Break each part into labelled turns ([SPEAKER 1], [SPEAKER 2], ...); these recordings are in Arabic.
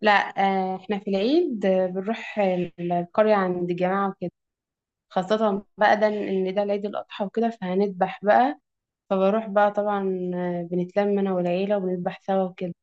[SPEAKER 1] لا، آه، احنا في العيد بنروح القرية عند الجماعة وكده. خاصة بقى ده ان ده العيد الأضحى وكده فهنذبح بقى. فبروح بقى طبعا، بنتلم انا والعيلة وبنذبح سوا وكده.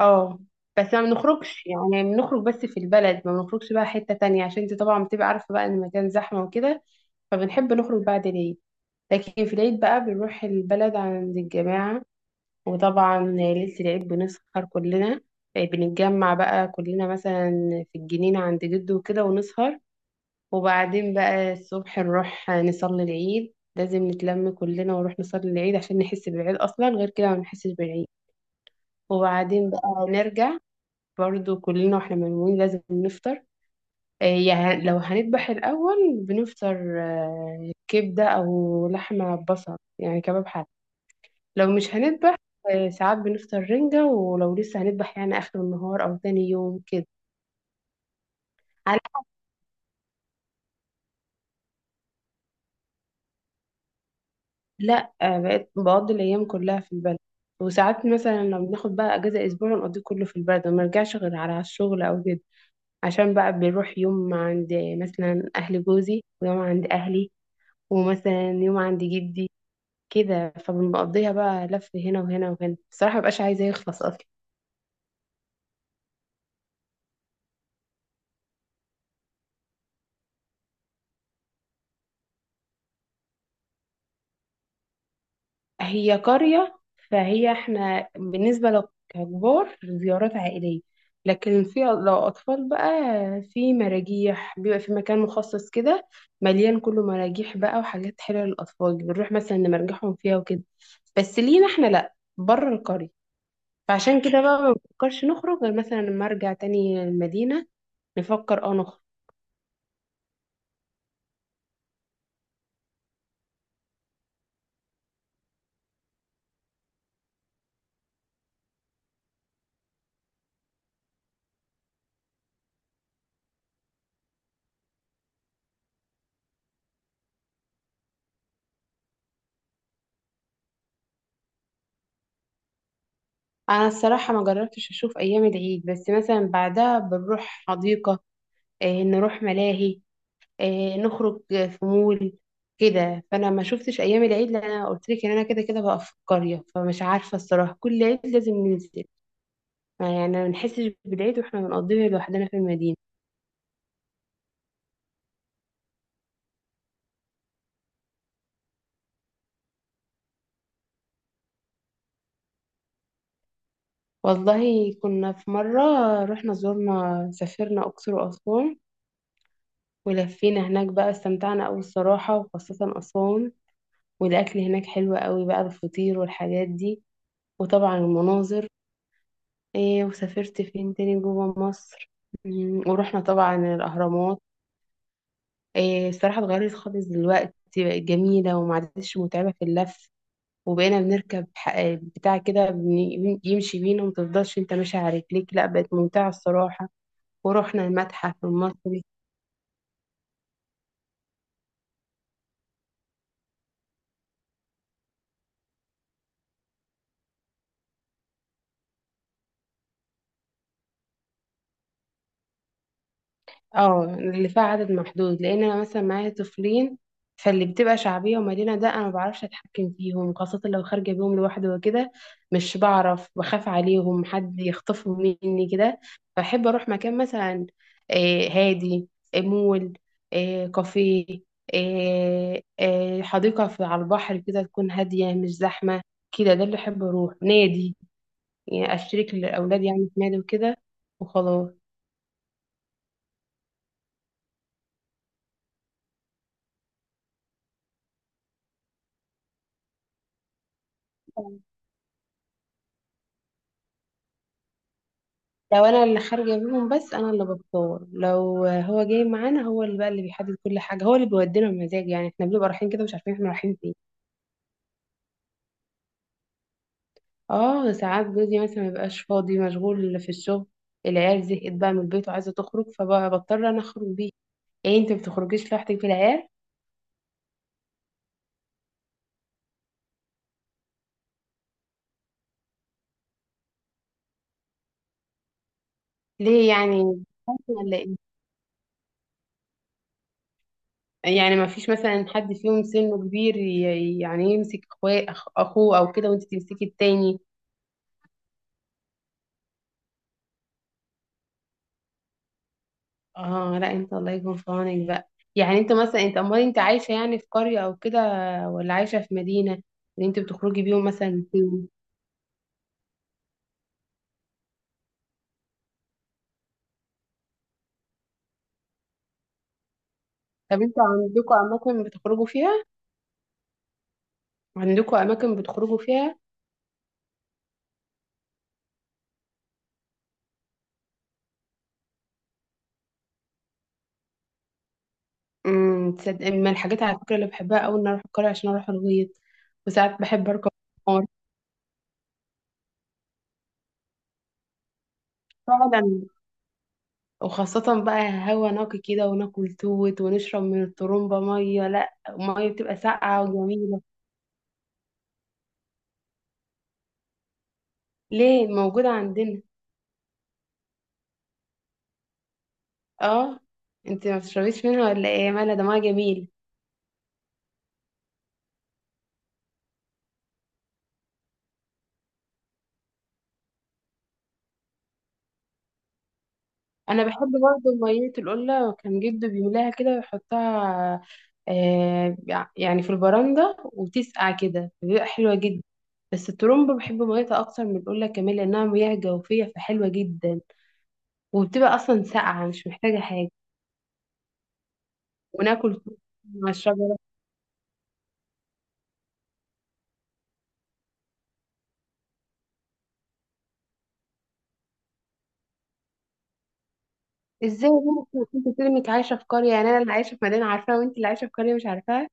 [SPEAKER 1] اه، بس ما بنخرجش يعني بنخرج بس في البلد، ما بنخرجش بقى حتة تانية عشان انت طبعا بتبقى عارفة بقى ان المكان زحمة وكده. فبنحب نخرج بعد العيد. لكن في العيد بقى بنروح البلد عند الجماعة. وطبعا ليلة العيد بنسهر كلنا، بنتجمع بقى كلنا مثلا في الجنينة عند جده وكده ونسهر. وبعدين بقى الصبح نروح نصلي العيد، لازم نتلم كلنا ونروح نصلي العيد عشان نحس بالعيد، أصلا غير كده ما بنحسش بالعيد. وبعدين بقى نرجع برضو كلنا، واحنا مجموعين لازم نفطر، يعني لو هنذبح الأول بنفطر كبدة أو لحمة بصل يعني كباب حلال. لو مش هنذبح، ساعات بنفطر رنجة، ولو لسه هنذبح يعني آخر النهار أو تاني يوم كده. على لا، بقيت بقضي الأيام كلها في البلد. وساعات مثلا لو بناخد بقى أجازة أسبوع نقضيه كله في البلد، وما نرجعش غير على الشغل أو كده. عشان بقى بنروح يوم عند مثلا أهل جوزي، ويوم عند أهلي، ومثلا يوم عند جدي كده، فبنقضيها بقى لف هنا وهنا وهنا، بصراحة مبقاش عايزة يخلص أصلا. هي قرية، فهي احنا بالنسبة لو ككبار زيارات عائلية. لكن في لو أطفال بقى، في مراجيح، بيبقى في مكان مخصص كده مليان كله مراجيح بقى وحاجات حلوة للأطفال، بنروح مثلا نمرجحهم فيها وكده. بس لينا احنا لأ بره القرية. فعشان كده بقى ما بنفكرش نخرج غير مثلا لما أرجع تاني المدينة نفكر نخرج. أنا الصراحة ما جربتش أشوف أيام العيد، بس مثلا بعدها بنروح حديقة، اه، نروح ملاهي، نخرج في مول كده. فانا ما شفتش ايام العيد لان انا قلت لك ان انا كده كده بقى في القريه، فمش عارفه الصراحه كل عيد لازم ننزل. ما يعني ما بنحسش بالعيد واحنا بنقضيه لوحدنا في المدينه. والله كنا في مره، رحنا زرنا سافرنا اقصر واسوان. ولفينا هناك بقى، استمتعنا قوي الصراحه وخاصه اسوان. والاكل هناك حلو قوي بقى، الفطير والحاجات دي، وطبعا المناظر. إيه وسافرت فين تاني جوه مصر؟ ورحنا طبعا الاهرامات. إيه الصراحة اتغيرت خالص دلوقتي، بقت جميلة وما عادتش متعبة في اللف. وبقينا بنركب بتاع كده يمشي بينا ومتفضلش انت ماشي على رجليك. لا، بقت ممتعة الصراحة. ورحنا المتحف المصري. اه، اللي فيها عدد محدود لان انا مثلا معايا طفلين. فاللي بتبقى شعبيه ومدينه ده انا ما بعرفش اتحكم فيهم، خاصه لو خارجه بيهم لوحدي وكده. مش بعرف، بخاف عليهم حد يخطفهم مني كده. فاحب اروح مكان مثلا هادي، مول، كافيه، حديقه في على البحر كده تكون هاديه مش زحمه كده. ده اللي احب، اروح نادي يعني، اشترك لاولادي يعني في نادي وكده وخلاص. لو انا اللي خارجه بيهم. بس انا اللي بتصور لو هو جاي معانا، هو اللي بقى اللي بيحدد كل حاجه، هو اللي بيودينا بمزاج. يعني احنا بنبقى رايحين كده مش عارفين احنا رايحين فين. اه، ساعات جوزي مثلا ما بيبقاش فاضي، مشغول في الشغل. العيال زهقت بقى من البيت وعايزه تخرج، فبضطر انا اخرج بيه. ايه، انت ما بتخرجيش لوحدك بالعيال؟ ليه يعني؟ ولا ايه؟ يعني ما فيش مثلا حد فيهم سنه كبير يعني يمسك اخوه اخوه او كده وانت تمسكي التاني؟ اه، لا، انت الله يكون في عونك بقى. يعني انت امال انت عايشه يعني في قريه او كده، ولا عايشه في مدينه؟ اللي انت بتخرجي بيهم مثلا فين؟ طب انتوا عندكم اماكن بتخرجوا فيها؟ عندكم اماكن بتخرجوا فيها؟ تصدق من الحاجات على فكره اللي بحبها قوي ان اروح القريه عشان اروح الغيط. وساعات بحب اركب قمر فعلا. وخاصه بقى هوا نقي كده، وناكل توت ونشرب من الطرمبه ميه، لا، ميه بتبقى ساقعه وجميله. ليه؟ موجوده عندنا. اه، انت ما بتشربيش منها ولا ايه؟ يا مالها، دمها جميل. انا بحب برضه ميه القله، كان جده بيملاها كده ويحطها آه يعني في البرندة وتسقع كده بيبقى حلوة جدا. بس الترمبة بحب ميتها اكتر من القله كمان، لانها مياه جوفيه فحلوه جدا، وبتبقى اصلا ساقعه مش محتاجه حاجه. وناكل فول مع الشجره. ازاي ممكن انت تلمك عايشه في قريه؟ يعني انا اللي عايشه في مدينه عارفاها، وانت اللي عايشه في قريه مش عارفاها.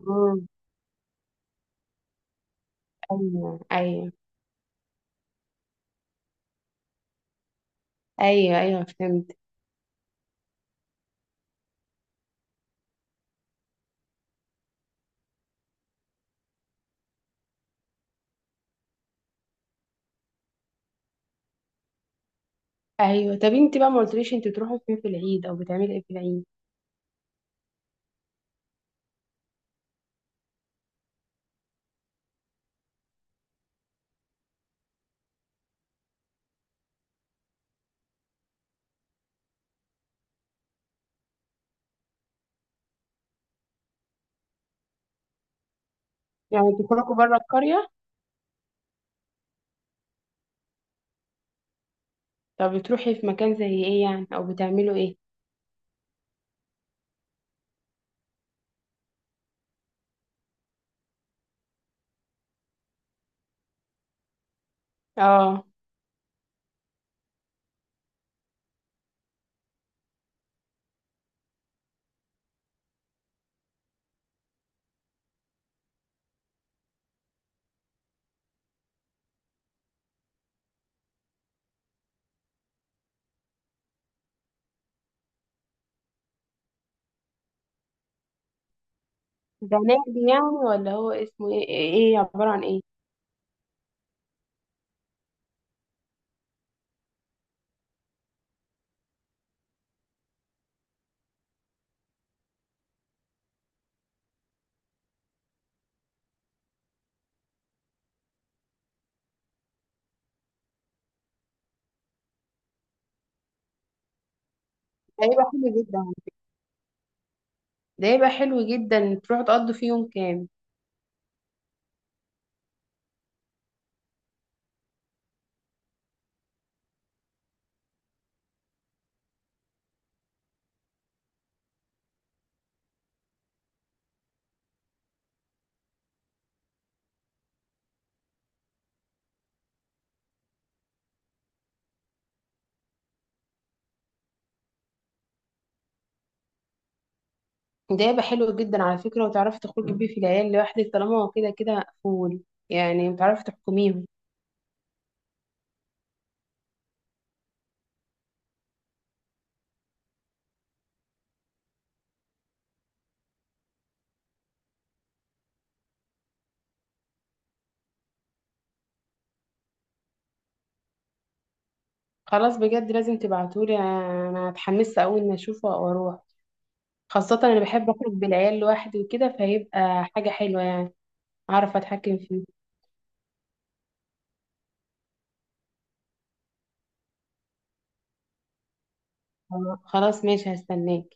[SPEAKER 1] مم. ايوه، ايوه. ايوه، ايوه، فهمت. ايوه، طب انت بقى ما قلتليش، انت بتروحوا فين في العيد او بتعملي ايه في العيد؟ يعني بتخرجوا بره القريه؟ طب بتروحي في مكان زي ايه يعني، او بتعملوا ايه؟ اه، ده نادي يعني، ولا هو اسمه ايه إيه عباره عن ايه؟ ده يبقى حلو جدا. ده يبقى حلو جدا تروحوا تقضوا فيه يوم كامل. ده يبقى حلو جدا على فكره. وتعرفي تخرجي بيه في العيال لوحدك طالما هو كده كده مقفول. يعني بتعرفي تحكميهم؟ خلاص بجد، لازم تبعتولي، انا اتحمست اول ما اشوفه واروح. خاصة أنا بحب أخرج بالعيال لوحدي وكده، فهيبقى حاجة حلوة يعني، أعرف أتحكم فيه. خلاص ماشي، هستناك.